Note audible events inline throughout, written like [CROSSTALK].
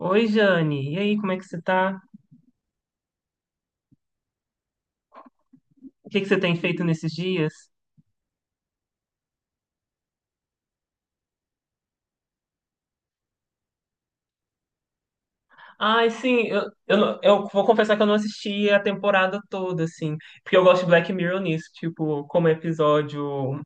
Oi, Jane. E aí, como é que você tá? O que que você tem feito nesses dias? Ai, sim, eu, não- eu vou confessar que eu não assisti a temporada toda, assim, porque eu gosto de Black Mirror nisso, tipo, como episódio,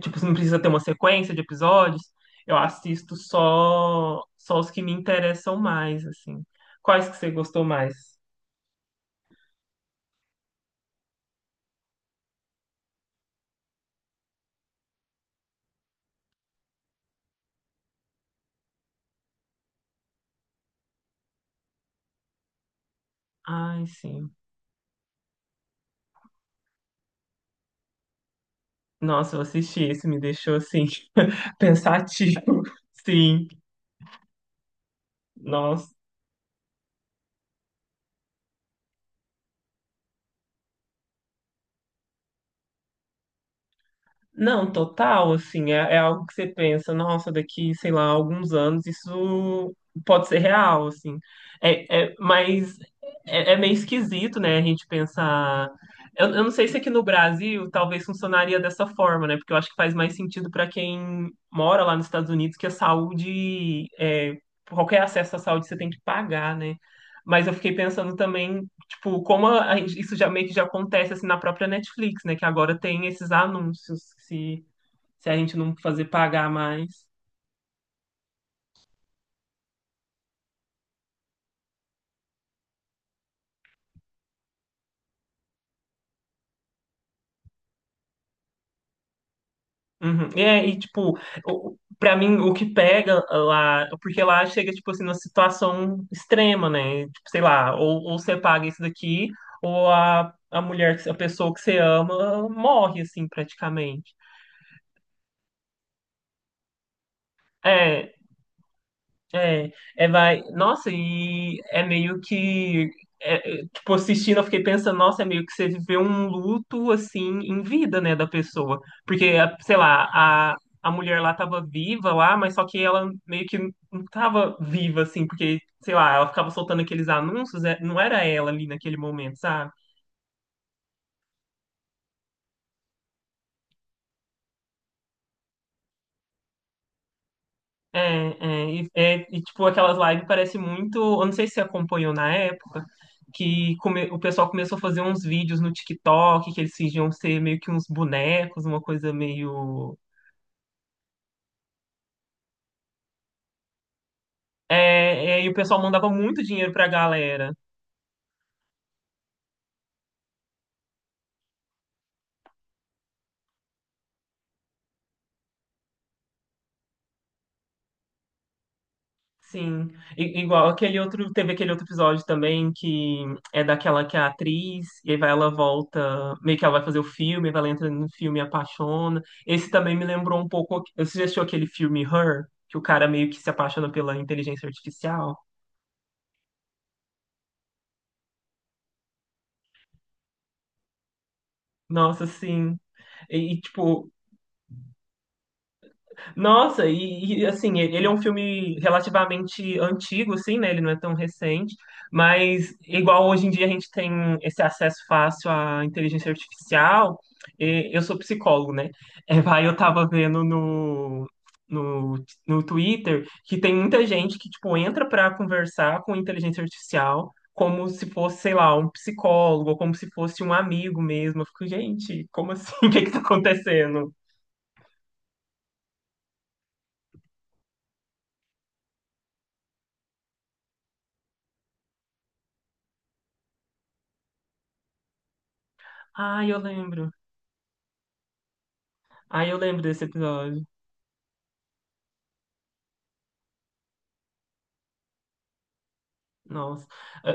tipo, não precisa ter uma sequência de episódios, eu assisto só os que me interessam mais, assim. Quais que você gostou mais? Ai, sim. Nossa, eu assisti esse, me deixou, assim, [LAUGHS] pensativo. Sim, nossa. Não, total, assim, é algo que você pensa, nossa, daqui, sei lá, alguns anos isso pode ser real, assim. É, mas é meio esquisito, né, a gente pensar. Eu não sei se aqui no Brasil talvez funcionaria dessa forma, né? Porque eu acho que faz mais sentido para quem mora lá nos Estados Unidos que a saúde, qualquer acesso à saúde você tem que pagar, né? Mas eu fiquei pensando também. Tipo, como a isso já meio que já acontece assim na própria Netflix, né? Que agora tem esses anúncios, se a gente não fazer pagar mais. Uhum. E, tipo, pra mim, o que pega lá, porque lá chega, tipo assim, numa situação extrema, né? Tipo, sei lá, ou você paga isso daqui, ou a mulher, a pessoa que você ama morre, assim, praticamente. É, É, é, vai. Nossa, e é meio que. Tipo, assistindo, eu fiquei pensando, nossa, é meio que você viveu um luto, assim, em vida, né, da pessoa. Porque, sei lá, a mulher lá tava viva lá, mas só que ela meio que não tava viva, assim, porque, sei lá, ela ficava soltando aqueles anúncios, não era ela ali naquele momento, sabe? É, é, tipo, aquelas lives parece muito. Eu não sei se você acompanhou na época, que o pessoal começou a fazer uns vídeos no TikTok, que eles fingiam ser meio que uns bonecos, uma coisa meio. É, e o pessoal mandava muito dinheiro pra galera. Sim, igual aquele outro, teve aquele outro episódio também que é daquela que é a atriz, e aí vai, ela volta, meio que ela vai fazer o filme, vai ela entra no filme e apaixona. Esse também me lembrou um pouco, você já assistiu aquele filme Her, que o cara meio que se apaixona pela inteligência artificial? Nossa, sim. E, e, tipo, Nossa, assim, ele é um filme relativamente antigo, assim, né? Ele não é tão recente, mas igual hoje em dia a gente tem esse acesso fácil à inteligência artificial, e eu sou psicólogo, né? É, vai, eu tava vendo no Twitter que tem muita gente que, tipo, entra para conversar com inteligência artificial como se fosse, sei lá, um psicólogo, ou como se fosse um amigo mesmo. Eu fico, gente, como assim? [LAUGHS] O que que tá acontecendo? Ah, eu lembro. Aí eu lembro desse episódio. Nossa.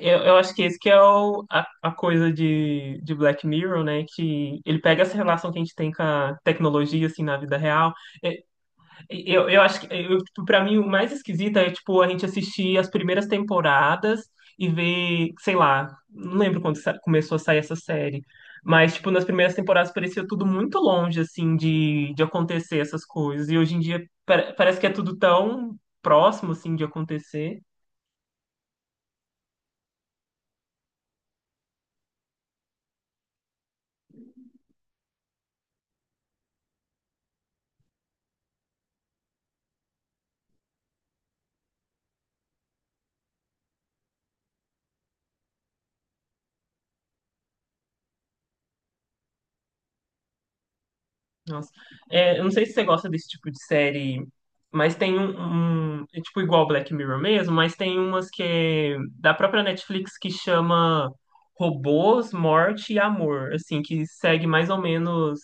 Eu acho que esse que é a coisa de Black Mirror, né? Que ele pega essa relação que a gente tem com a tecnologia, assim, na vida real. É, eu acho que, eu, tipo, pra mim, o mais esquisito é, tipo, a gente assistir as primeiras temporadas e ver, sei lá, não lembro quando começou a sair essa série. Mas, tipo, nas primeiras temporadas parecia tudo muito longe, assim, de acontecer essas coisas. E hoje em dia parece que é tudo tão próximo, assim, de acontecer. Nossa. É, eu não sei se você gosta desse tipo de série, mas tem é tipo igual Black Mirror mesmo, mas tem umas que é da própria Netflix que chama Robôs, Morte e Amor, assim, que segue mais ou menos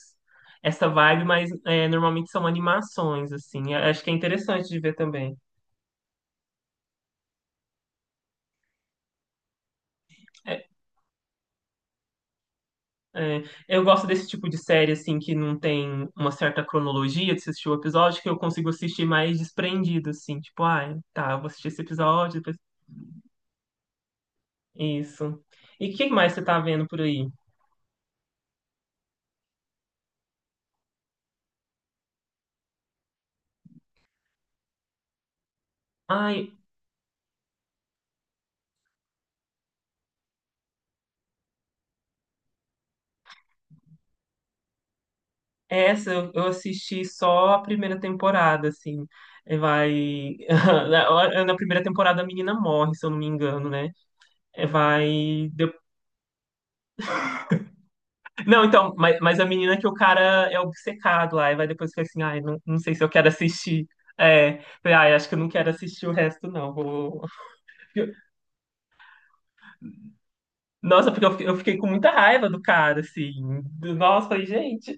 essa vibe, mas normalmente são animações, assim. Eu acho que é interessante de ver também. É, é, eu gosto desse tipo de série, assim, que não tem uma certa cronologia de se assistir o episódio, que eu consigo assistir mais desprendido, assim, tipo, ah, tá, eu vou assistir esse episódio. Isso. E o que mais você tá vendo por aí? Ai, essa eu assisti só a primeira temporada, assim. É, vai. [LAUGHS] Na primeira temporada a menina morre, se eu não me engano, né? É, vai. Não, então, mas a menina que o cara é obcecado lá, e vai depois fica assim, ai, não, não sei se eu quero assistir. É, falei, ai, acho que eu não quero assistir o resto, não. Vou... [LAUGHS] Nossa, porque eu fiquei com muita raiva do cara, assim. Nossa, falei, gente.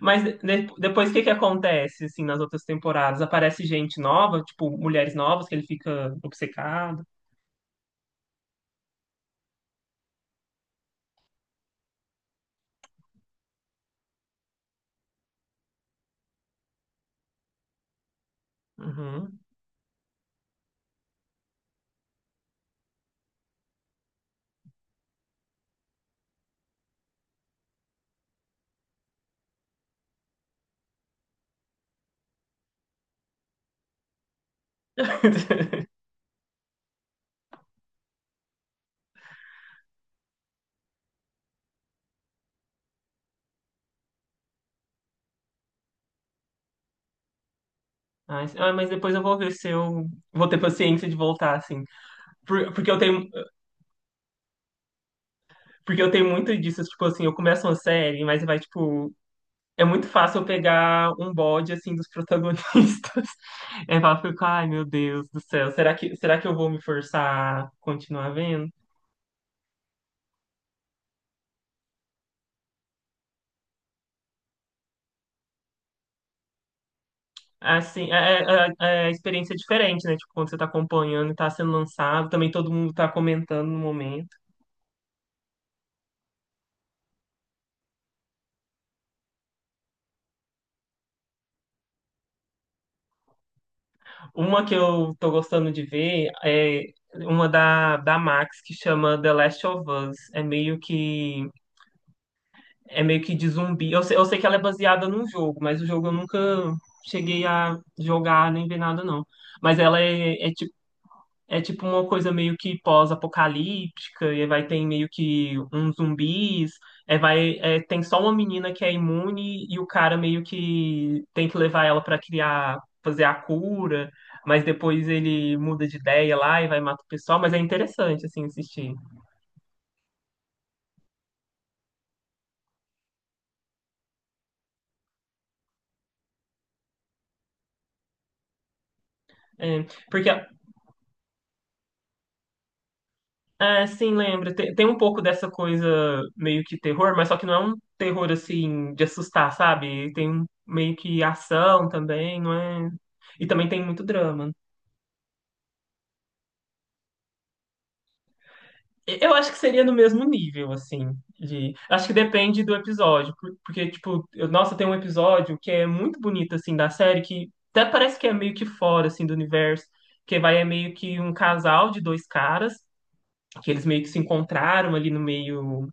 Mas depois o que que acontece, assim, nas outras temporadas? Aparece gente nova, tipo, mulheres novas que ele fica obcecado. Uhum. [LAUGHS] Ai, ah, mas depois eu vou ver se eu vou ter paciência de voltar, assim. Por- porque eu tenho, porque eu tenho muito disso, tipo assim, eu começo uma série, mas vai, tipo, é muito fácil eu pegar um bode, assim, dos protagonistas. [LAUGHS] É, eu fico, ai, meu Deus do céu, será que eu vou me forçar a continuar vendo? Assim, é experiência diferente, né? Tipo, quando você tá acompanhando e tá sendo lançado, também todo mundo tá comentando no momento. Uma que eu tô gostando de ver é uma da, da Max que chama The Last of Us. É meio que de zumbi. Eu sei que ela é baseada num jogo, mas o jogo eu nunca cheguei a jogar nem ver nada, não. Mas ela é tipo uma coisa meio que pós-apocalíptica, e vai ter meio que uns zumbis, é, vai, é, tem só uma menina que é imune e o cara meio que tem que levar ela pra criar, fazer a cura, mas depois ele muda de ideia lá e vai matar o pessoal, mas é interessante assim assistir. É, porque assim, lembra, tem um pouco dessa coisa meio que terror, mas só que não é um terror assim de assustar, sabe? Tem meio que ação também, não é? E também tem muito drama. Eu acho que seria no mesmo nível, assim, de... Acho que depende do episódio, porque, tipo, nossa, tem um episódio que é muito bonito, assim, da série, que até parece que é meio que fora, assim, do universo, que vai é meio que um casal de dois caras, que eles meio que se encontraram ali no meio,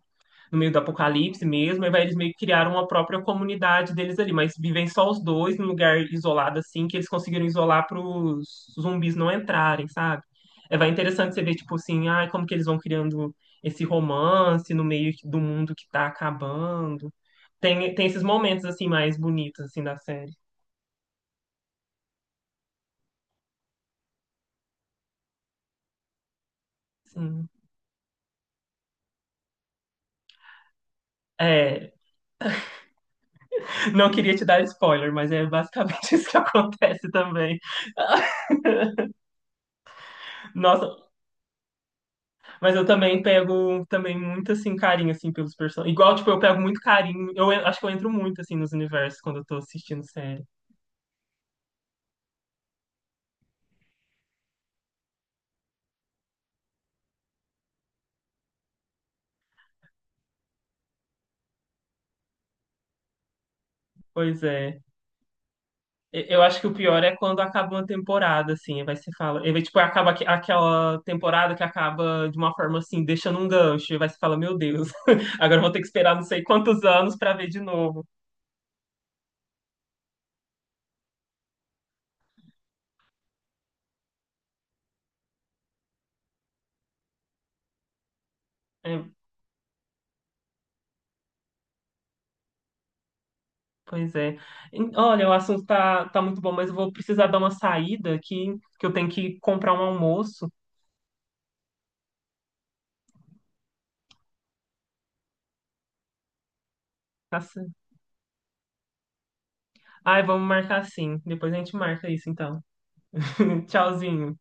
no meio do apocalipse mesmo, e vai, eles meio que criaram uma própria comunidade deles ali, mas vivem só os dois num lugar isolado assim, que eles conseguiram isolar para os zumbis não entrarem, sabe? É, vai interessante você ver, tipo assim, ai, como que eles vão criando esse romance no meio do mundo que tá acabando. Tem esses momentos, assim, mais bonitos, assim, da série. Sim. É, não queria te dar spoiler, mas é basicamente [LAUGHS] isso que acontece também. [LAUGHS] Nossa, mas eu também pego também muito assim carinho assim pelos personagens. Igual, tipo, eu pego muito carinho. Eu acho que eu entro muito assim nos universos quando eu tô assistindo série. Pois é. Eu acho que o pior é quando acaba uma temporada assim, aí vai se fala, aí vai, tipo, acaba aquela temporada que acaba de uma forma assim, deixando um gancho, e vai se fala, meu Deus, [LAUGHS] agora eu vou ter que esperar não sei quantos anos pra ver de novo. É, pois é. E, olha, o assunto tá muito bom, mas eu vou precisar dar uma saída aqui, que eu tenho que comprar um almoço. Tá. Ai, vamos marcar sim. Depois a gente marca isso, então. [LAUGHS] Tchauzinho.